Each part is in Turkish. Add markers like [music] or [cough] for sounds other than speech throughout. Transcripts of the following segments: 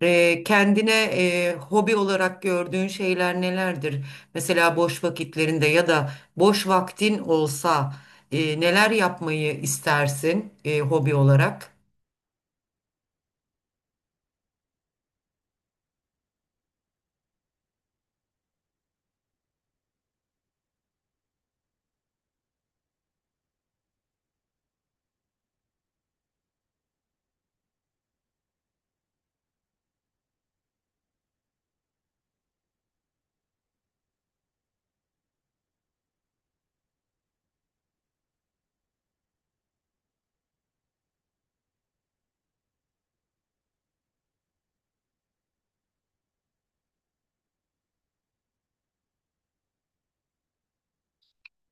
Kendine hobi olarak gördüğün şeyler nelerdir? Mesela boş vakitlerinde ya da boş vaktin olsa neler yapmayı istersin hobi olarak?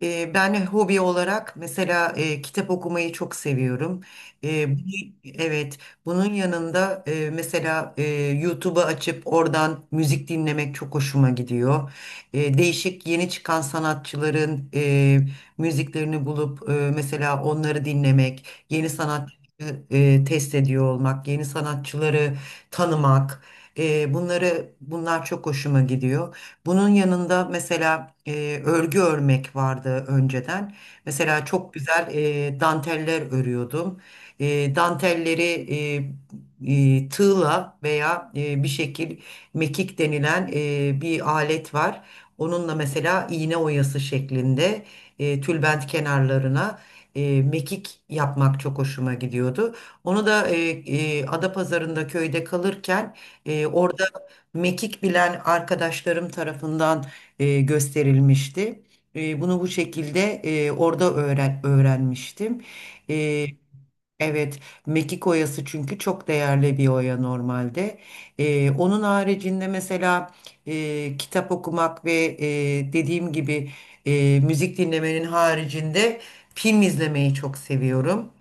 Ben hobi olarak mesela kitap okumayı çok seviyorum. E, bu- evet, bunun yanında mesela YouTube'u açıp oradan müzik dinlemek çok hoşuma gidiyor. Değişik yeni çıkan sanatçıların müziklerini bulup mesela onları dinlemek, yeni sanatçı test ediyor olmak, yeni sanatçıları tanımak, bunlar çok hoşuma gidiyor. Bunun yanında mesela örgü örmek vardı önceden. Mesela çok güzel danteller örüyordum. Dantelleri tığla veya bir şekil mekik denilen bir alet var. Onunla mesela iğne oyası şeklinde tülbent kenarlarına mekik yapmak çok hoşuma gidiyordu. Onu da Adapazarı'nda köyde kalırken orada mekik bilen arkadaşlarım tarafından gösterilmişti. Bunu bu şekilde orada öğrenmiştim. E, Evet, mekik oyası çünkü çok değerli bir oya normalde. Onun haricinde mesela kitap okumak ve dediğim gibi müzik dinlemenin haricinde film izlemeyi çok seviyorum.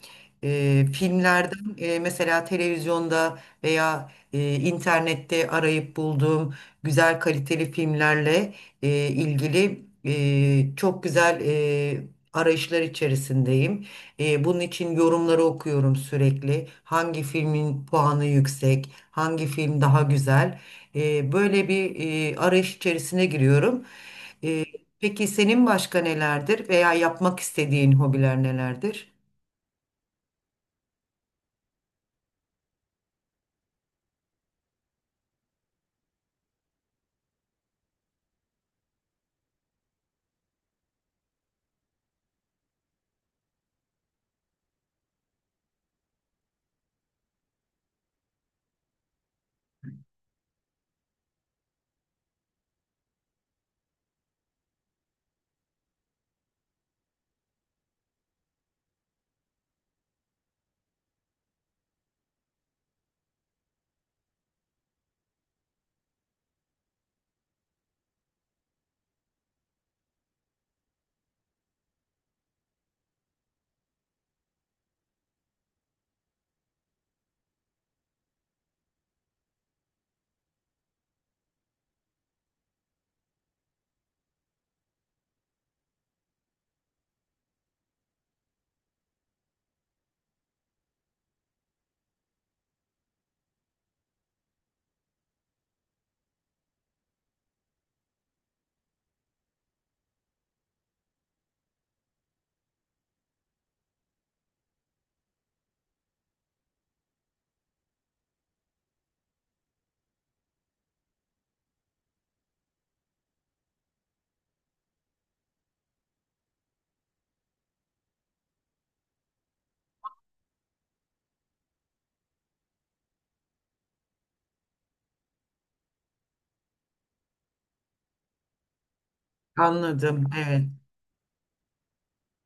Filmlerden mesela televizyonda veya internette arayıp bulduğum güzel kaliteli filmlerle ilgili çok güzel arayışlar içerisindeyim. Bunun için yorumları okuyorum sürekli. Hangi filmin puanı yüksek, hangi film daha güzel. Böyle bir arayış içerisine giriyorum. E, peki senin başka nelerdir veya yapmak istediğin hobiler nelerdir? Anladım. Evet.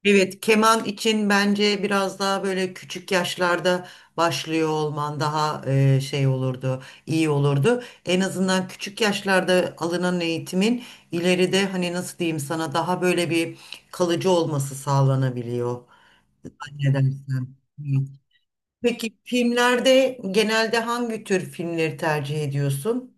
Evet, keman için bence biraz daha böyle küçük yaşlarda başlıyor olman daha şey olurdu, iyi olurdu. En azından küçük yaşlarda alınan eğitimin ileride hani nasıl diyeyim sana daha böyle bir kalıcı olması sağlanabiliyor. Ne dersen. Evet. Peki filmlerde genelde hangi tür filmleri tercih ediyorsun?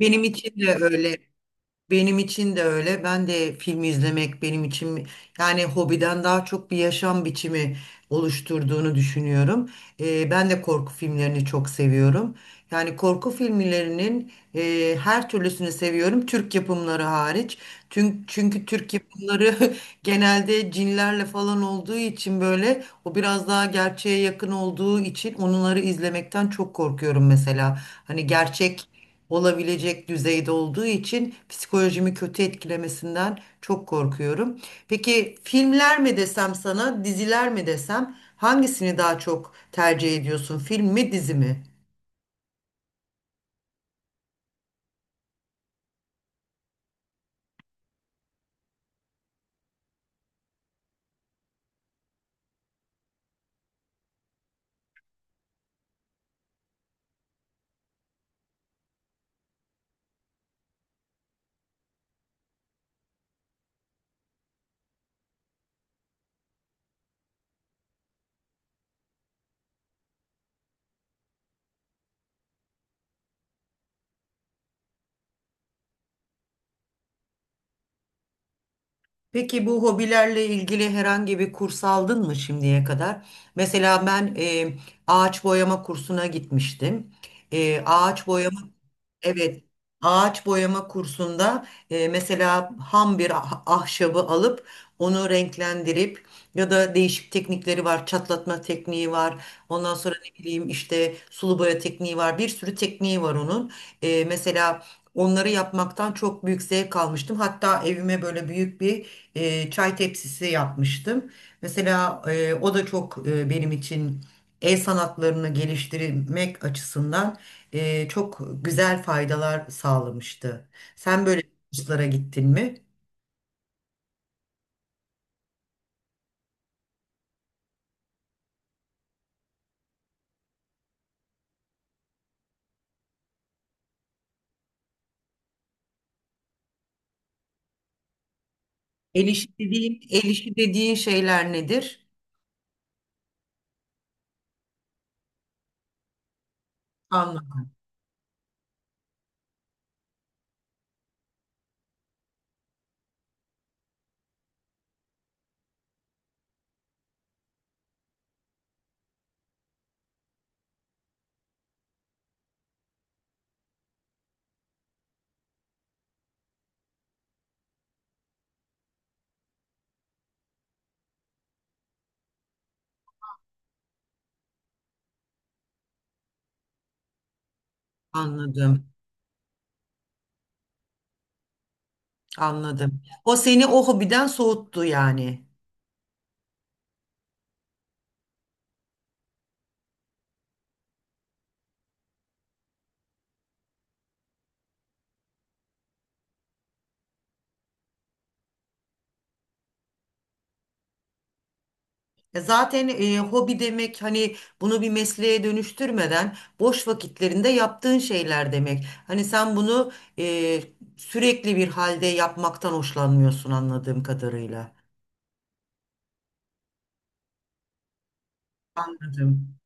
Benim için de öyle. Benim için de öyle. Ben de film izlemek benim için yani hobiden daha çok bir yaşam biçimi oluşturduğunu düşünüyorum. Ben de korku filmlerini çok seviyorum. Yani korku filmlerinin her türlüsünü seviyorum. Türk yapımları hariç. Çünkü Türk yapımları [laughs] genelde cinlerle falan olduğu için böyle o biraz daha gerçeğe yakın olduğu için onları izlemekten çok korkuyorum mesela. Hani gerçek olabilecek düzeyde olduğu için psikolojimi kötü etkilemesinden çok korkuyorum. Peki filmler mi desem sana, diziler mi desem hangisini daha çok tercih ediyorsun? Film mi, dizi mi? Peki bu hobilerle ilgili herhangi bir kurs aldın mı şimdiye kadar? Mesela ben ağaç boyama kursuna gitmiştim. Ağaç boyama evet, ağaç boyama kursunda mesela ham bir ahşabı alıp onu renklendirip ya da değişik teknikleri var, çatlatma tekniği var. Ondan sonra ne bileyim işte sulu boya tekniği var. Bir sürü tekniği var onun. Mesela onları yapmaktan çok büyük zevk almıştım. Hatta evime böyle büyük bir çay tepsisi yapmıştım. Mesela o da çok benim için el sanatlarını geliştirmek açısından çok güzel faydalar sağlamıştı. Sen böyle kurslara gittin mi? El işi dediğin, el işi dediğin şeyler nedir? Anladım, anladım, anladım. O seni o hobiden soğuttu yani. Zaten hobi demek hani bunu bir mesleğe dönüştürmeden boş vakitlerinde yaptığın şeyler demek. Hani sen bunu e, sürekli bir halde yapmaktan hoşlanmıyorsun anladığım kadarıyla. Anladım.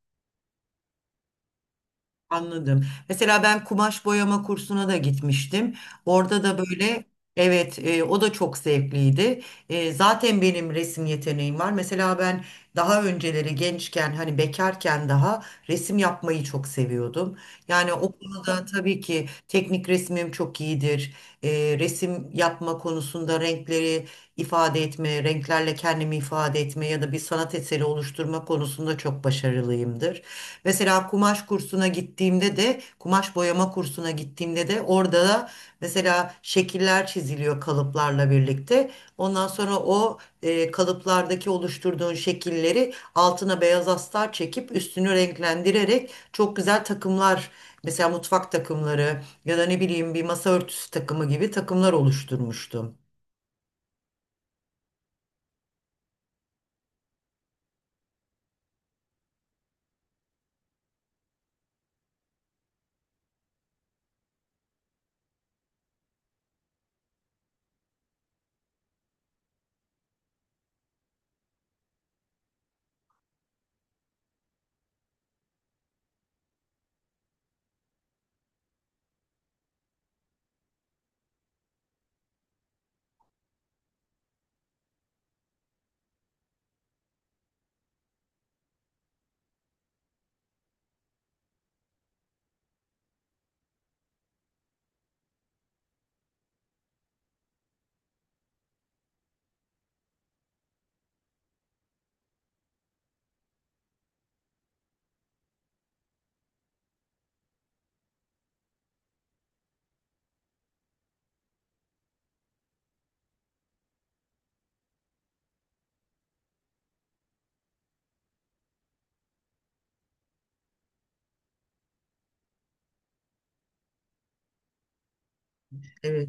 Anladım. Mesela ben kumaş boyama kursuna da gitmiştim. Orada da böyle evet o da çok zevkliydi. Zaten benim resim yeteneğim var. Mesela ben daha önceleri gençken hani bekarken daha resim yapmayı çok seviyordum. Yani o konuda tabii ki teknik resmim çok iyidir. Resim yapma konusunda renkleri ifade etme, renklerle kendimi ifade etme ya da bir sanat eseri oluşturma konusunda çok başarılıyımdır. Mesela kumaş kursuna gittiğimde de, kumaş boyama kursuna gittiğimde de orada da mesela şekiller çiziliyor kalıplarla birlikte. Ondan sonra kalıplardaki oluşturduğun şekilleri altına beyaz astar çekip üstünü renklendirerek çok güzel takımlar mesela mutfak takımları ya da ne bileyim bir masa örtüsü takımı gibi takımlar oluşturmuştum. Evet.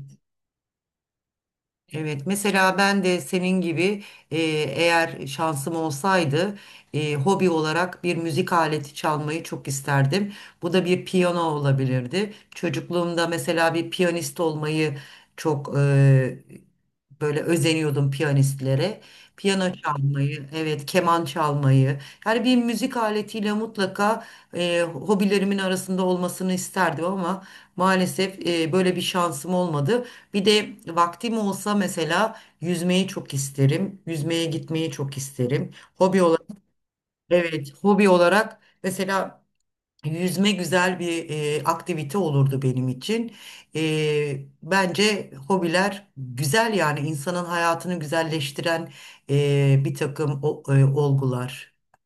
Evet, mesela ben de senin gibi e, eğer şansım olsaydı hobi olarak bir müzik aleti çalmayı çok isterdim. Bu da bir piyano olabilirdi. Çocukluğumda mesela bir piyanist olmayı çok böyle özeniyordum piyanistlere. Piyano çalmayı, evet keman çalmayı. Yani bir müzik aletiyle mutlaka hobilerimin arasında olmasını isterdim ama maalesef böyle bir şansım olmadı. Bir de vaktim olsa mesela yüzmeyi çok isterim. Yüzmeye gitmeyi çok isterim. Hobi olarak, evet hobi olarak mesela yüzme güzel bir aktivite olurdu benim için. Bence hobiler güzel yani insanın hayatını güzelleştiren bir takım olgular.